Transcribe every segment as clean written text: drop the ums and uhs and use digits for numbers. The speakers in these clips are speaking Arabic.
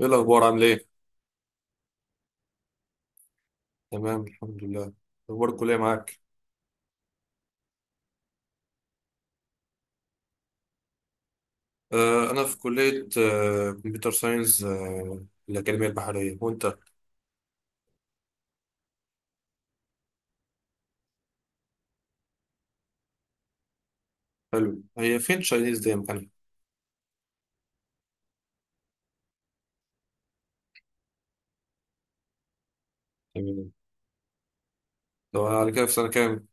ايه الاخبار؟ عامل ايه؟ تمام الحمد لله. اخبار الكليه معاك؟ آه انا في كليه كمبيوتر ساينس، الاكاديميه البحريه. وانت؟ حلو. هي فين تشاينيز دي؟ مكانها؟ تمام. طب على كده في سنه كام؟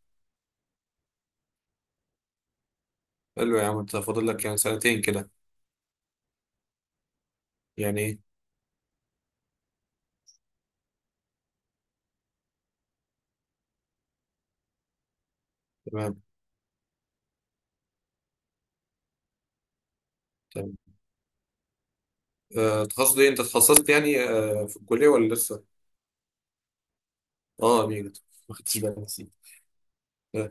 حلو يا عم. انت فاضل لك يعني سنتين كده. يعني ايه؟ تمام تمام. آه تخصص ايه؟ انت اتخصصت يعني في الكليه ولا لسه؟ اه اميجا. ما خدتش بالي، نسيت. آه،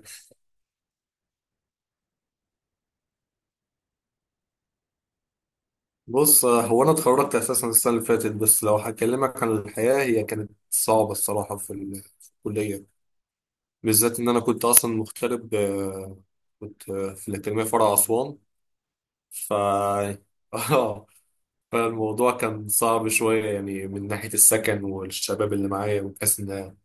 بص، هو انا اتخرجت اساسا السنه اللي فاتت، بس لو هكلمك عن الحياه هي كانت صعبه الصراحه في الكليه، بالذات إن أنا كنت أصلا مغترب. كنت في الأكاديمية فرع أسوان. ف آه، فالموضوع كان صعب شوية، يعني من ناحية السكن والشباب اللي معايا، وبحيث إن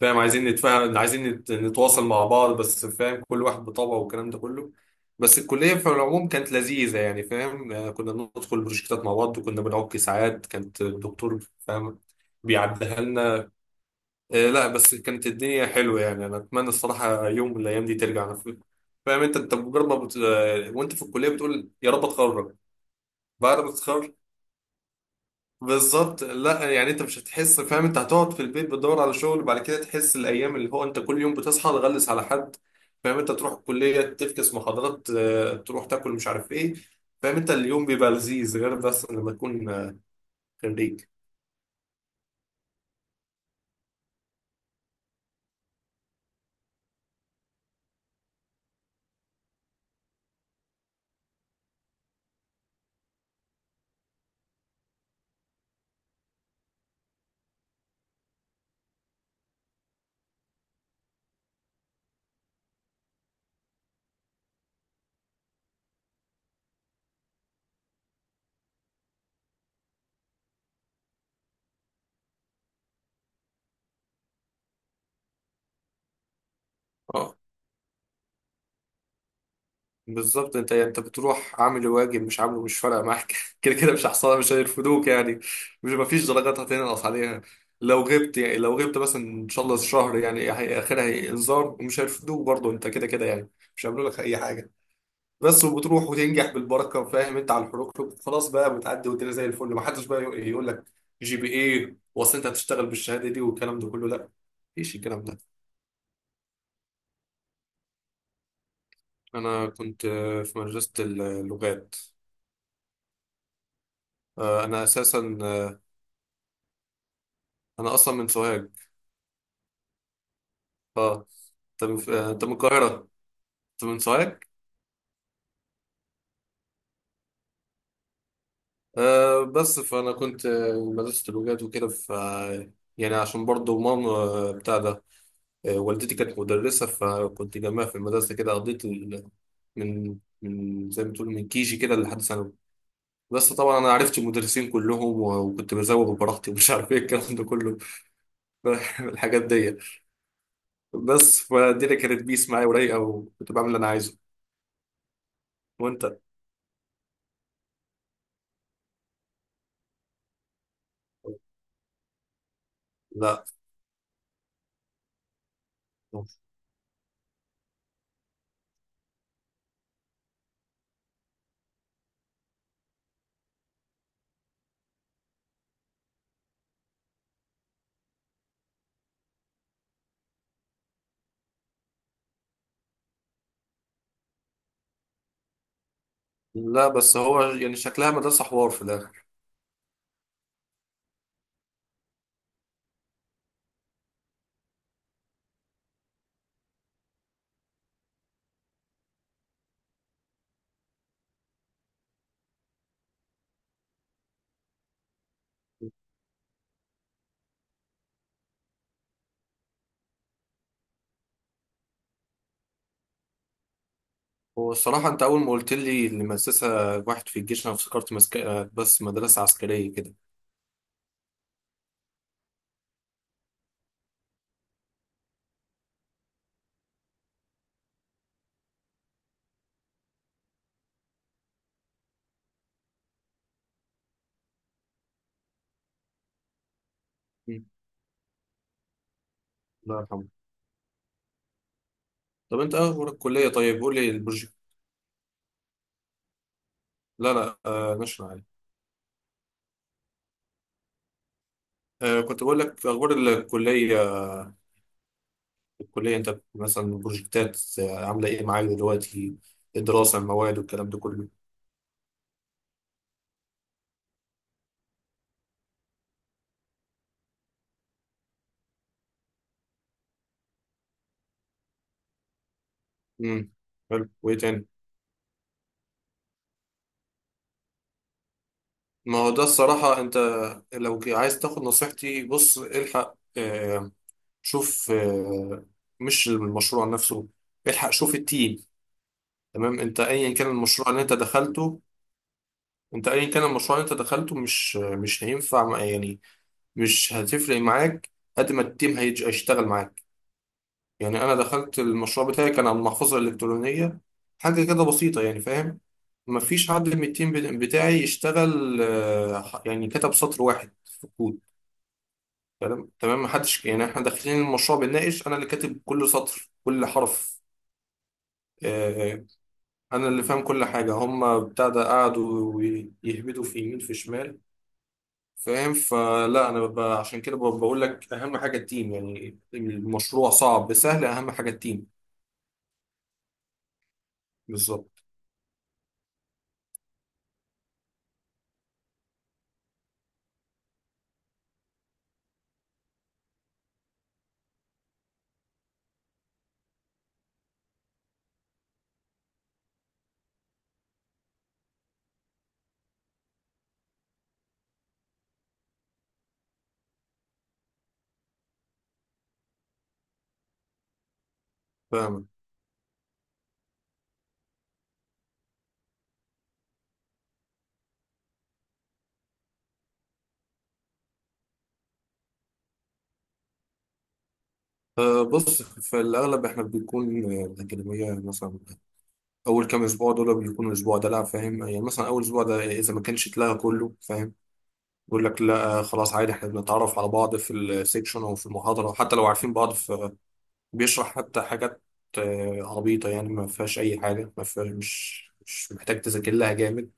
فاهم، عايزين نتفاهم، عايزين نتواصل مع بعض، بس فاهم كل واحد بطبعه والكلام ده كله. بس الكلية في العموم كانت لذيذة، يعني فاهم، كنا بندخل بروجكتات مع بعض، وكنا بنعك ساعات، كانت الدكتور فاهم بيعديها لنا. لا بس كانت الدنيا حلوة، يعني أنا أتمنى الصراحة يوم من الأيام دي ترجع. أنا فاهم أنت، مجرد ما بت... آه، وأنت في الكلية بتقول يا رب أتخرج، بعد ما تتخرج بالظبط. لا يعني أنت مش هتحس، فاهم أنت هتقعد في البيت، بتدور على شغل، وبعد كده تحس الأيام اللي هو أنت كل يوم بتصحى تغلس على حد، فاهم أنت تروح الكلية، تفكس محاضرات، تروح تاكل، مش عارف إيه. فاهم أنت اليوم بيبقى لذيذ، غير بس لما تكون خريج. بالظبط. انت يعني انت بتروح عامل الواجب، مش عامله، مش فارقه معاك كده كده مش هيحصل، مش هيرفدوك يعني. مش مفيش درجات هتنقص عليها. لو غبت يعني، لو غبت مثلا ان شاء الله شهر يعني، اخرها هي انذار، ومش هيرفدوك برضه انت كده كده يعني. مش هيعملوا لك اي حاجه. بس وبتروح وتنجح بالبركه، فاهم انت على الحروق خلاص بقى، بتعدي والدنيا زي الفل. ما حدش بقى يقول لك جي بي ايه واصل، انت هتشتغل بالشهاده دي والكلام ده كله؟ لا. مفيش الكلام ده. انا كنت في مدرسه اللغات. انا اساسا، انا اصلا من سوهاج. اه. انت من انت من القاهره؟ انت من سوهاج. آه بس فانا كنت مدرسه اللغات وكده، ف يعني عشان برضو ماما بتاع ده، والدتي كانت مدرسه، فكنت جنبها في المدرسه كده. قضيت ال... من، من زي ما تقول من كيجي كده لحد ثانوي. بس طبعا انا عرفت المدرسين كلهم، وكنت بزوغ براحتي، ومش عارف ايه الكلام ده كله، الحاجات دي. بس فالدنيا كانت بيس معايا ورايقه، وكنت بعمل اللي انا عايزه. وانت؟ لا لا، بس هو يعني شكلها مدرسة حوار في الآخر. هو الصراحة أنت أول ما قلت لي اللي مؤسسها واحد في الجيش، أنا افتكرت مسك... بس مدرسة عسكرية كده. مم. الله يرحمه. طب أنت أخبار الكلية؟ طيب قول لي البروجكت. لا لا آه نشرح عليه. آه كنت بقول لك أخبار الكلية. الكلية أنت مثلا البروجكتات عاملة إيه معاك دلوقتي؟ الدراسة، المواد، والكلام ده كله. امم. حلو وإيه تاني؟ ما هو ده الصراحة أنت، لو عايز تاخد نصيحتي، بص الحق، شوف، مش المشروع نفسه، الحق شوف التيم. تمام. انت ايا كان المشروع اللي انت دخلته، انت ايا كان المشروع اللي انت دخلته مش هينفع يعني مش هتفرق معاك قد ما التيم هيشتغل معاك. يعني انا دخلت المشروع بتاعي، كان على المحفظة الإلكترونية، حاجة كده بسيطة يعني، فاهم. مفيش حد من التيم بتاعي يشتغل، يعني كتب سطر واحد في الكود. تمام تمام. محدش يعني، احنا داخلين المشروع بنناقش، انا اللي كاتب كل سطر، كل حرف. آه، انا اللي فاهم كل حاجه، هم بتاع ده قعدوا ويهبدوا في يمين في شمال، فاهم. فلا انا ببقى عشان كده ببقى بقول لك اهم حاجه التيم، يعني المشروع صعب سهل، اهم حاجه التيم. بالظبط. فاهم. بص، في الاغلب احنا بيكون الاكاديميه مثلا اول كام اسبوع دول بيكون الاسبوع ده لا، فاهم يعني، مثلا اول اسبوع ده اذا ما كانش اتلغى كله، فاهم، يقول لك لا خلاص عادي، احنا بنتعرف على بعض في السيكشن او في المحاضره حتى لو عارفين بعض. بيشرح حتى حاجات عبيطة يعني، ما فيهاش أي حاجة، ما فيهاش، مش محتاج تذاكر لها جامد.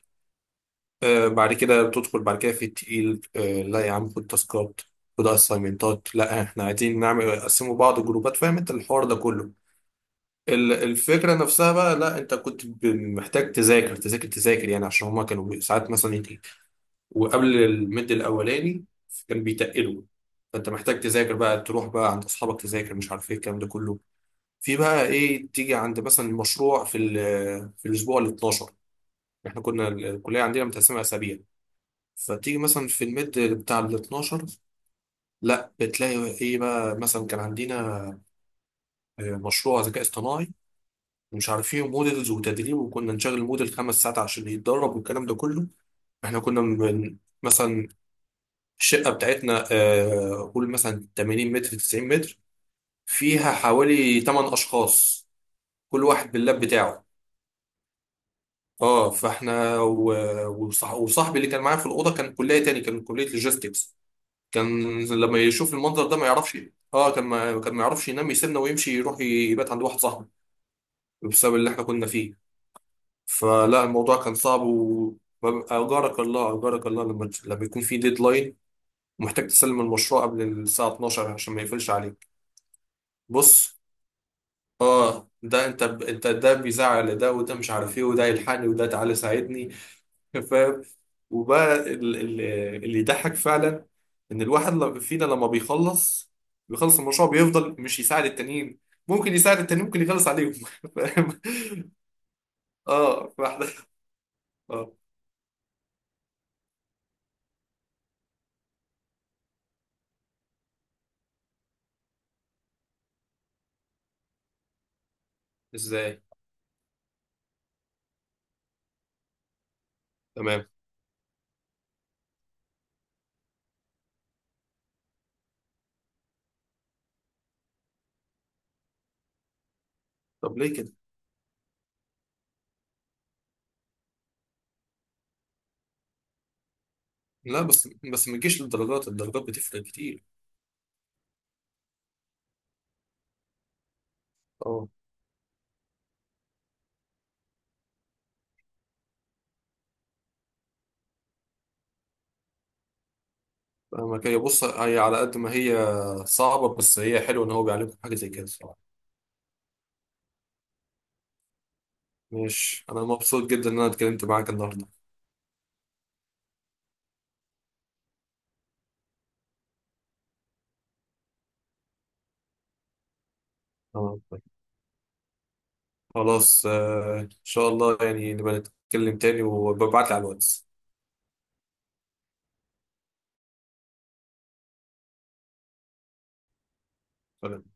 بعد كده بتدخل بعد كده في التقيل، لا يا عم، خد تاسكات، خد اسايمنتات، لا احنا عايزين نعمل نقسموا بعض جروبات، فاهم انت الحوار ده كله. الفكرة نفسها بقى، لا انت كنت محتاج تذاكر تذاكر تذاكر يعني، عشان هما كانوا ساعات مثلا يجي وقبل المد الأولاني كان بيتقلوا، فانت محتاج تذاكر بقى، تروح بقى عند اصحابك تذاكر، مش عارف ايه الكلام ده كله. في بقى ايه، تيجي عند مثلا مشروع في الاسبوع ال 12، احنا كنا الكليه عندنا متقسمه اسابيع، فتيجي مثلا في الميد بتاع ال 12، لا بتلاقي ايه بقى. مثلا كان عندنا مشروع ذكاء اصطناعي، ومش عارفين موديلز وتدريب، وكنا نشغل موديل خمس ساعات عشان يتدرب والكلام ده كله. احنا كنا من مثلا الشقه بتاعتنا قول مثلا 80 متر 90 متر، فيها حوالي 8 اشخاص، كل واحد باللاب بتاعه. اه فاحنا وصاحبي اللي كان معايا في الاوضه كان كليه تاني، كان كليه لوجيستكس، كان لما يشوف المنظر ده ما يعرفش اه كان ما يعرفش ينام، يسيبنا ويمشي يروح يبات عند واحد صاحبه بسبب اللي احنا كنا فيه. فلا الموضوع كان صعب و اجارك الله اجارك الله لما لما يكون في ديدلاين ومحتاج تسلم المشروع قبل الساعه 12 عشان ما يقفلش عليك. بص اه ده انت انت ده بيزعل، ده وده مش عارف ايه، وده يلحقني، وده تعالى ساعدني، فاهم. وبقى اللي يضحك فعلا ان الواحد فينا لما بيخلص، بيخلص المشروع بيفضل مش يساعد التانيين، ممكن يساعد التانيين، ممكن يخلص عليهم فاهم. اه فاحنا اه. ازاي؟ تمام. طب ليه كده؟ لا بس ما تجيش للدرجات، الدرجات بتفرق كتير. اه فاهمك. هي بص هي على قد ما هي صعبة، بس هي حلوة ان هو بيعلمكم حاجة زي كده الصراحة. ماشي، انا مبسوط جدا ان انا اتكلمت معاك النهاردة. اه خلاص ان شاء الله يعني نبقى نتكلم تاني، وببعت لي على الواتس. سلام.